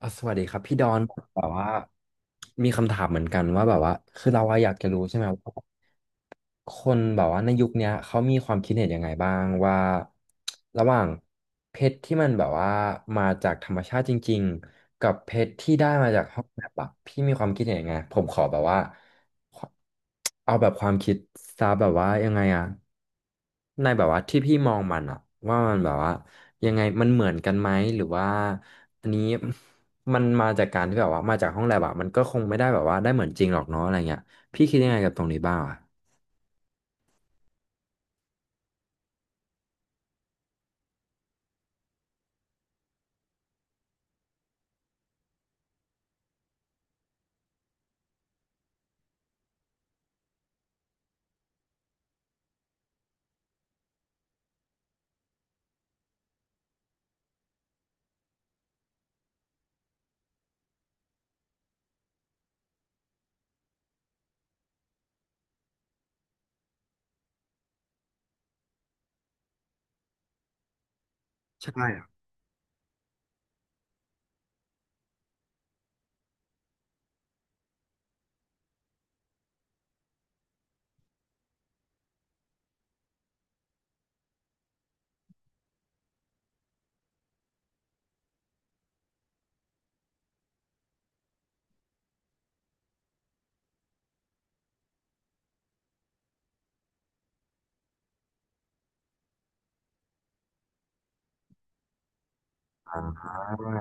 อ่ะสวัสดีครับพี่ดอนแบบว่ามีคำถามเหมือนกันว่าแบบว่าคือเราอะอยากจะรู้ใช่ไหมว่าคนแบบว่าในยุคเนี้ยเขามีความคิดเห็นยังไงบ้างว่าระหว่างเพชรที่มันแบบว่ามาจากธรรมชาติจริงๆกับเพชรที่ได้มาจากห้องแลบอะพี่มีความคิดเห็นยังไงผมขอแบบว่าเอาแบบความคิดซาแบบว่ายังไงอะ ในแบบว่าที่พี่มองมันอะว่ามันแบบว่ายังไงมันเหมือนกันไหมหรือว่าอันนี้ มันมาจากการที่แบบว่ามาจากห้องแลบอะมันก็คงไม่ได้แบบว่าได้เหมือนจริงหรอกเนาะอะไรเงี้ยพี่คิดยังไงกับตรงนี้บ้างอะอ่า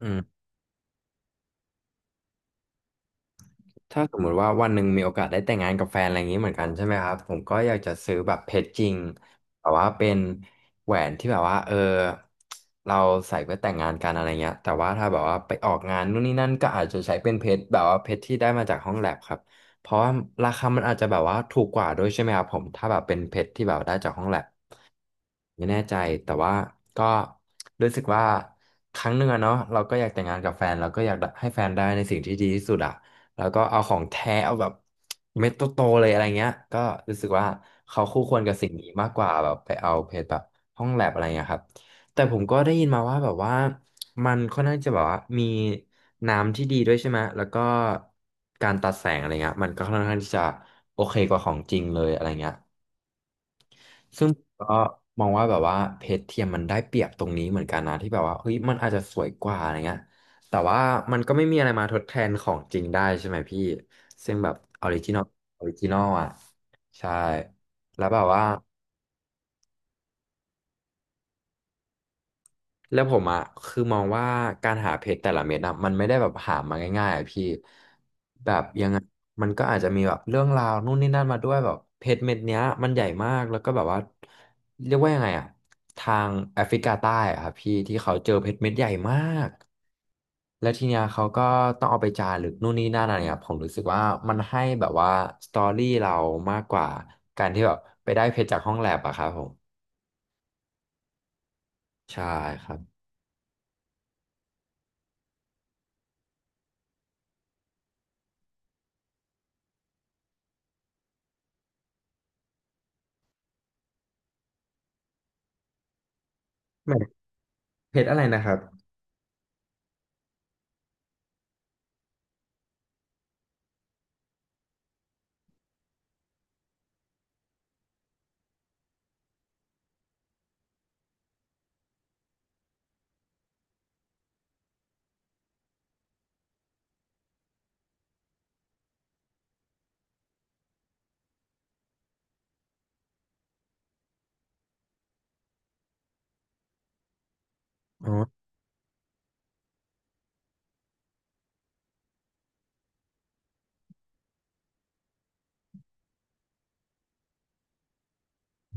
อืม ถ้าสมมุติว่าวันหนึ่งมีโอกาสได้แต่งงานกับแฟนอะไรอย่างนี้เหมือนกันใช่ไหมครับผมก็อยากจะซื้อแบบเพชรจริงแบบว่าเป็นแหวนที่แบบว่าเราใส่เพื่อแต่งงานกันอะไรเงี้ยแต่ว่าถ้าแบบว่าไปออกงานนู่นนี่นั่นก็อาจจะใช้เป็นเพชรแบบว่าเพชรที่ได้มาจากห้องแลบครับเพราะว่าราคามันอาจจะแบบว่าถูกกว่าด้วยใช่ไหมครับผมถ้าแบบเป็นเพชรที่แบบได้จากห้องแลบ ไม่แน่ใจแต่ว่าก็รู้สึกว่าครั้งหนึ่งอะเนาะเราก็อยากแต่งงานกับแฟนเราก็อยากให้แฟนได้ในสิ่งที่ดีที่สุดอะแล้วก็เอาของแท้เอาแบบเม็ดโตๆเลยอะไรเงี้ยก็รู้สึกว่าเขาคู่ควรกับสิ่งนี้มากกว่าแบบไปเอาเพจแบบห้องแลบอะไรเงี้ยครับแต่ผมก็ได้ยินมาว่าแบบว่ามันค่อนข้างจะแบบว่ามีน้ำที่ดีด้วยใช่ไหมแล้วก็การตัดแสงอะไรเงี้ยมันก็ค่อนข้างที่จะโอเคกว่าของจริงเลยอะไรเงี้ย ซึ่งก็มองว่าแบบว่าเพชรเทียมมันได้เปรียบตรงนี้เหมือนกันนะที่แบบว่าเฮ้ยมันอาจจะสวยกว่าอะไรเงี้ยแต่ว่ามันก็ไม่มีอะไรมาทดแทนของจริงได้ใช่ไหมพี่ซึ่งแบบออริจินอลออริจินอลอ่ะใช่แล้วแบบว่า แล้วผมอ่ะคือมองว่าการหาเพชรแต่ละเม็ดอ่ะมันไม่ได้แบบหามาง่ายๆอ่ะพี่แบบยังไงมันก็อาจจะมีแบบเรื่องราวนู่นนี่นั่นมาด้วยแบบเพชรเม็ดเนี้ยมันใหญ่มากแล้วก็แบบว่าเรียกว่ายังไงอ่ะทางแอฟริกาใต้อ่ะครับพี่ที่เขาเจอเพชรเม็ดใหญ่มากแล้วทีเนี้ยเขาก็ต้องเอาไปจารึกนู่นนี่นั่นอะไรเงี้ยผมรู้สึกว่ามันให้แบบว่าสตอรี่เรามากกว่าการที่แบบไปได้เพชรจากห้องแลบอะครับผมใช่ครับแบบเพชรอะไรนะครับ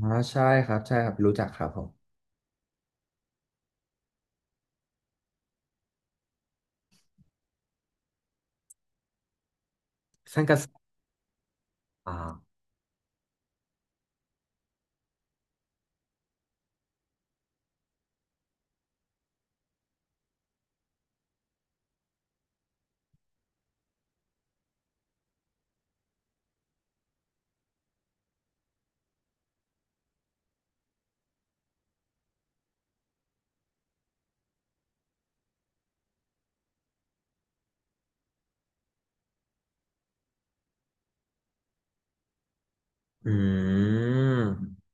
อ๋อใช่ครับใช่ครับรู้จักครับผมซันกระแสอ่าอืม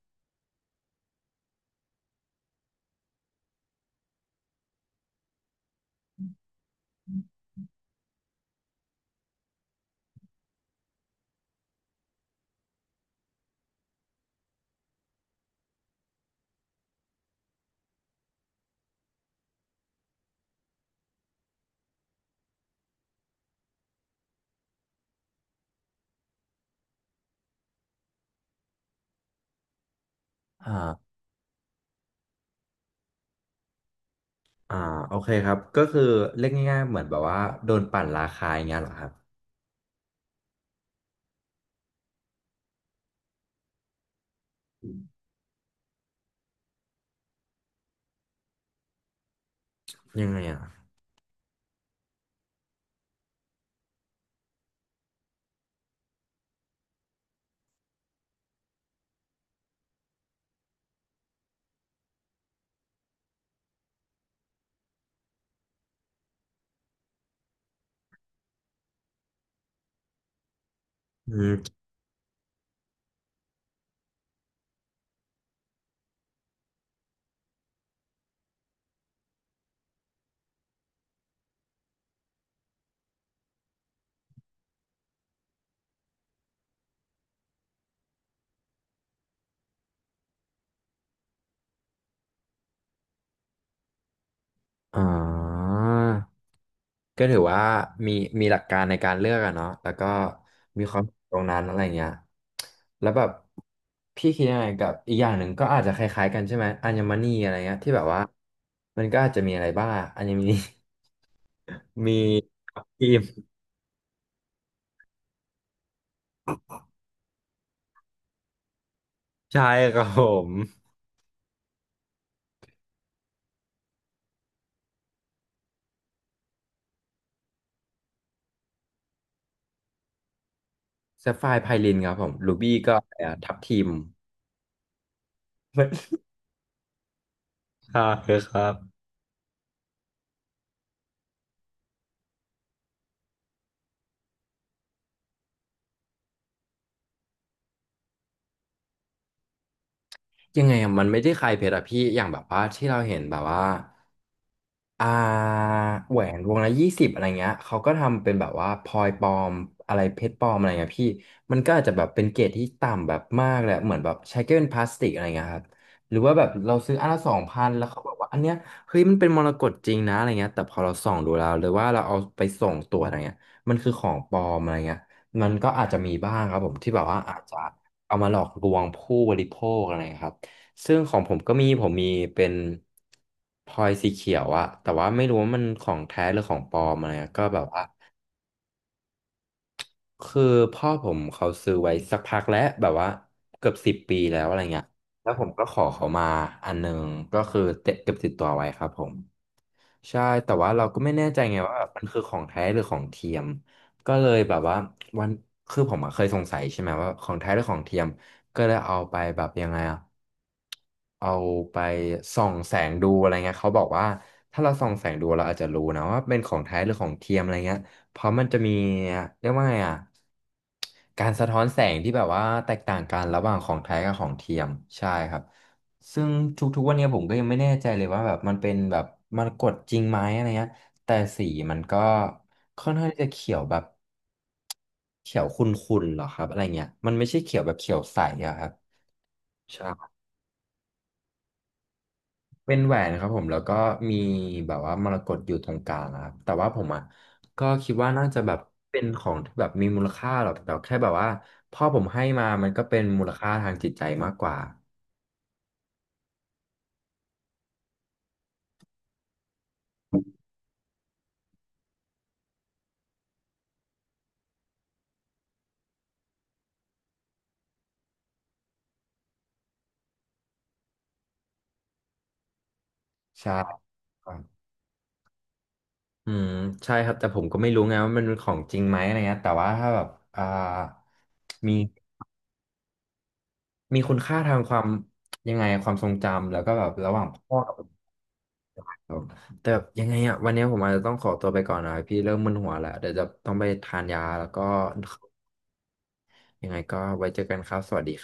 อ่าอ่าโอเคครับก็คือเรียกง่ายๆเหมือนแบบว่าโดนปั่นราคาอย่างเงี้ยเหรอครับยังไงอ่ะอืมอ่าก็ถือว่ามีมีหลักการในการเลือกอะเนาะแล้วก็มีความตรงนั้นอะไรเงี้ยแล้วแบบพี่คิดยังไงกับอีกอย่างหนึ่งก็อาจจะคล้ายๆกันใช่ไหมอัญมณีอะไรเงี้ยที่แบบว่ามันก็อาจจะมีอะไรบ้างอัญ มณี มีครีม ใช่ครับผมแซฟไฟร์ไพลินครับผมรูบี้ก็อะไรอะทับทิม ใช่ครับยังไงอะมันไม่ได้คลายเพชรอะพี่อย่างแบบว่าที่เราเห็นแบบว่า อ่าแหวนวงละ20อะไรเงี้ยเขาก็ทำเป็นแบบว่าพลอยปลอมอะไรเพชรปลอมอะไรเงี้ยพี่มันก็อาจจะแบบเป็นเกรดที่ต่ำแบบมากเลยอะเหมือนแบบใช้แค่เป็นพลาสติกอะไรเงี้ยครับหรือว่าแบบเราซื้ออันละ2,000แล้วเขาบอกว่าอันเนี้ยเฮ้ยมันเป็นมรกตจริงนะอะไรเงี้ยแต่พอเราส่องดูแล้วหรือว่าเราเอาไปส่งตัวจอะไรเงี้ยมันคือของปลอมอะไรเงี้ยมันก็อาจจะมีบ้างครับผมที่แบบว่าอาจจะเอามาหลอกลวงผู้บริโภคอะไรครับ ซึ่งของผมก็มีผมมีเป็นพลอยสีเขียวอะแต่ว่าไม่รู้ว่ามันของแท้หรือของปลอมอะไรอะก็แบบว่าคือพ่อผมเขาซื้อไว้สักพักแล้วแบบว่าเกือบ10 ปีแล้วอะไรเงี้ยแล้วผมก็ขอเขามาอันหนึงก็คือเก็บติดตัวไว้ครับผม ใช่แต่ว่าเราก็ไม่แน่ใจไงว่าแบบมันคือของแท้หรือของเทียมก็เลยแบบว่าวันคือผมอะเคยสงสัยใช่ไหมว่าของแท้หรือของเทียมก็เลยเอาไปแบบยังไงอะเอาไปส่องแสงดูอะไรเงี้ยเขาบอกว่าถ้าเราส่องแสงดูเราอาจจะรู้นะว่าเป็นของแท้หรือของเทียมอะไรเงี้ยเพราะมันจะมีเรียกว่าไงอะการสะท้อนแสงที่แบบว่าแตกต่างกันระหว่างของแท้กับของเทียมใช่ครับ ซึ่งทุกๆวันเนี้ยผมก็ยังไม่แน่ใจเลยว่าแบบมันเป็นแบบมันกดจริงไหมอะไรเงี้ยแต่สีมันก็ค่อนข้างที่จะเขียวแบบเขียวขุ่นๆหรอครับอะไรเงี้ยมันไม่ใช่เขียวแบบเขียวใสอะครับใช่เป็นแหวนครับผมแล้วก็มีแบบว่ามรกตอยู่ตรงกลางนะครับแต่ว่าผมอ่ะก็คิดว่าน่าจะแบบเป็นของที่แบบมีมูลค่าหรอกแต่แค่แบบว่าพ่อผมให้มามันก็เป็นมูลค่าทางจิตใจมากกว่าใช่ อืมใช่ครับแต่ผมก็ไม่รู้ไงว่ามันเป็นของจริงไหมอะไรเงี้ยแต่ว่าถ้าแบบอ่ามีมีคุณค่าทางความยังไงความทรงจำแล้วก็แบบระหว่างพ่อกับผมแต่แบบยังไงอ่ะวันนี้ผมอาจจะต้องขอตัวไปก่อนนะพี่เริ่มมึนหัวแล้วเดี๋ยวจะต้องไปทานยาแล้วก็ยังไงก็ไว้เจอกันครับสวัสดี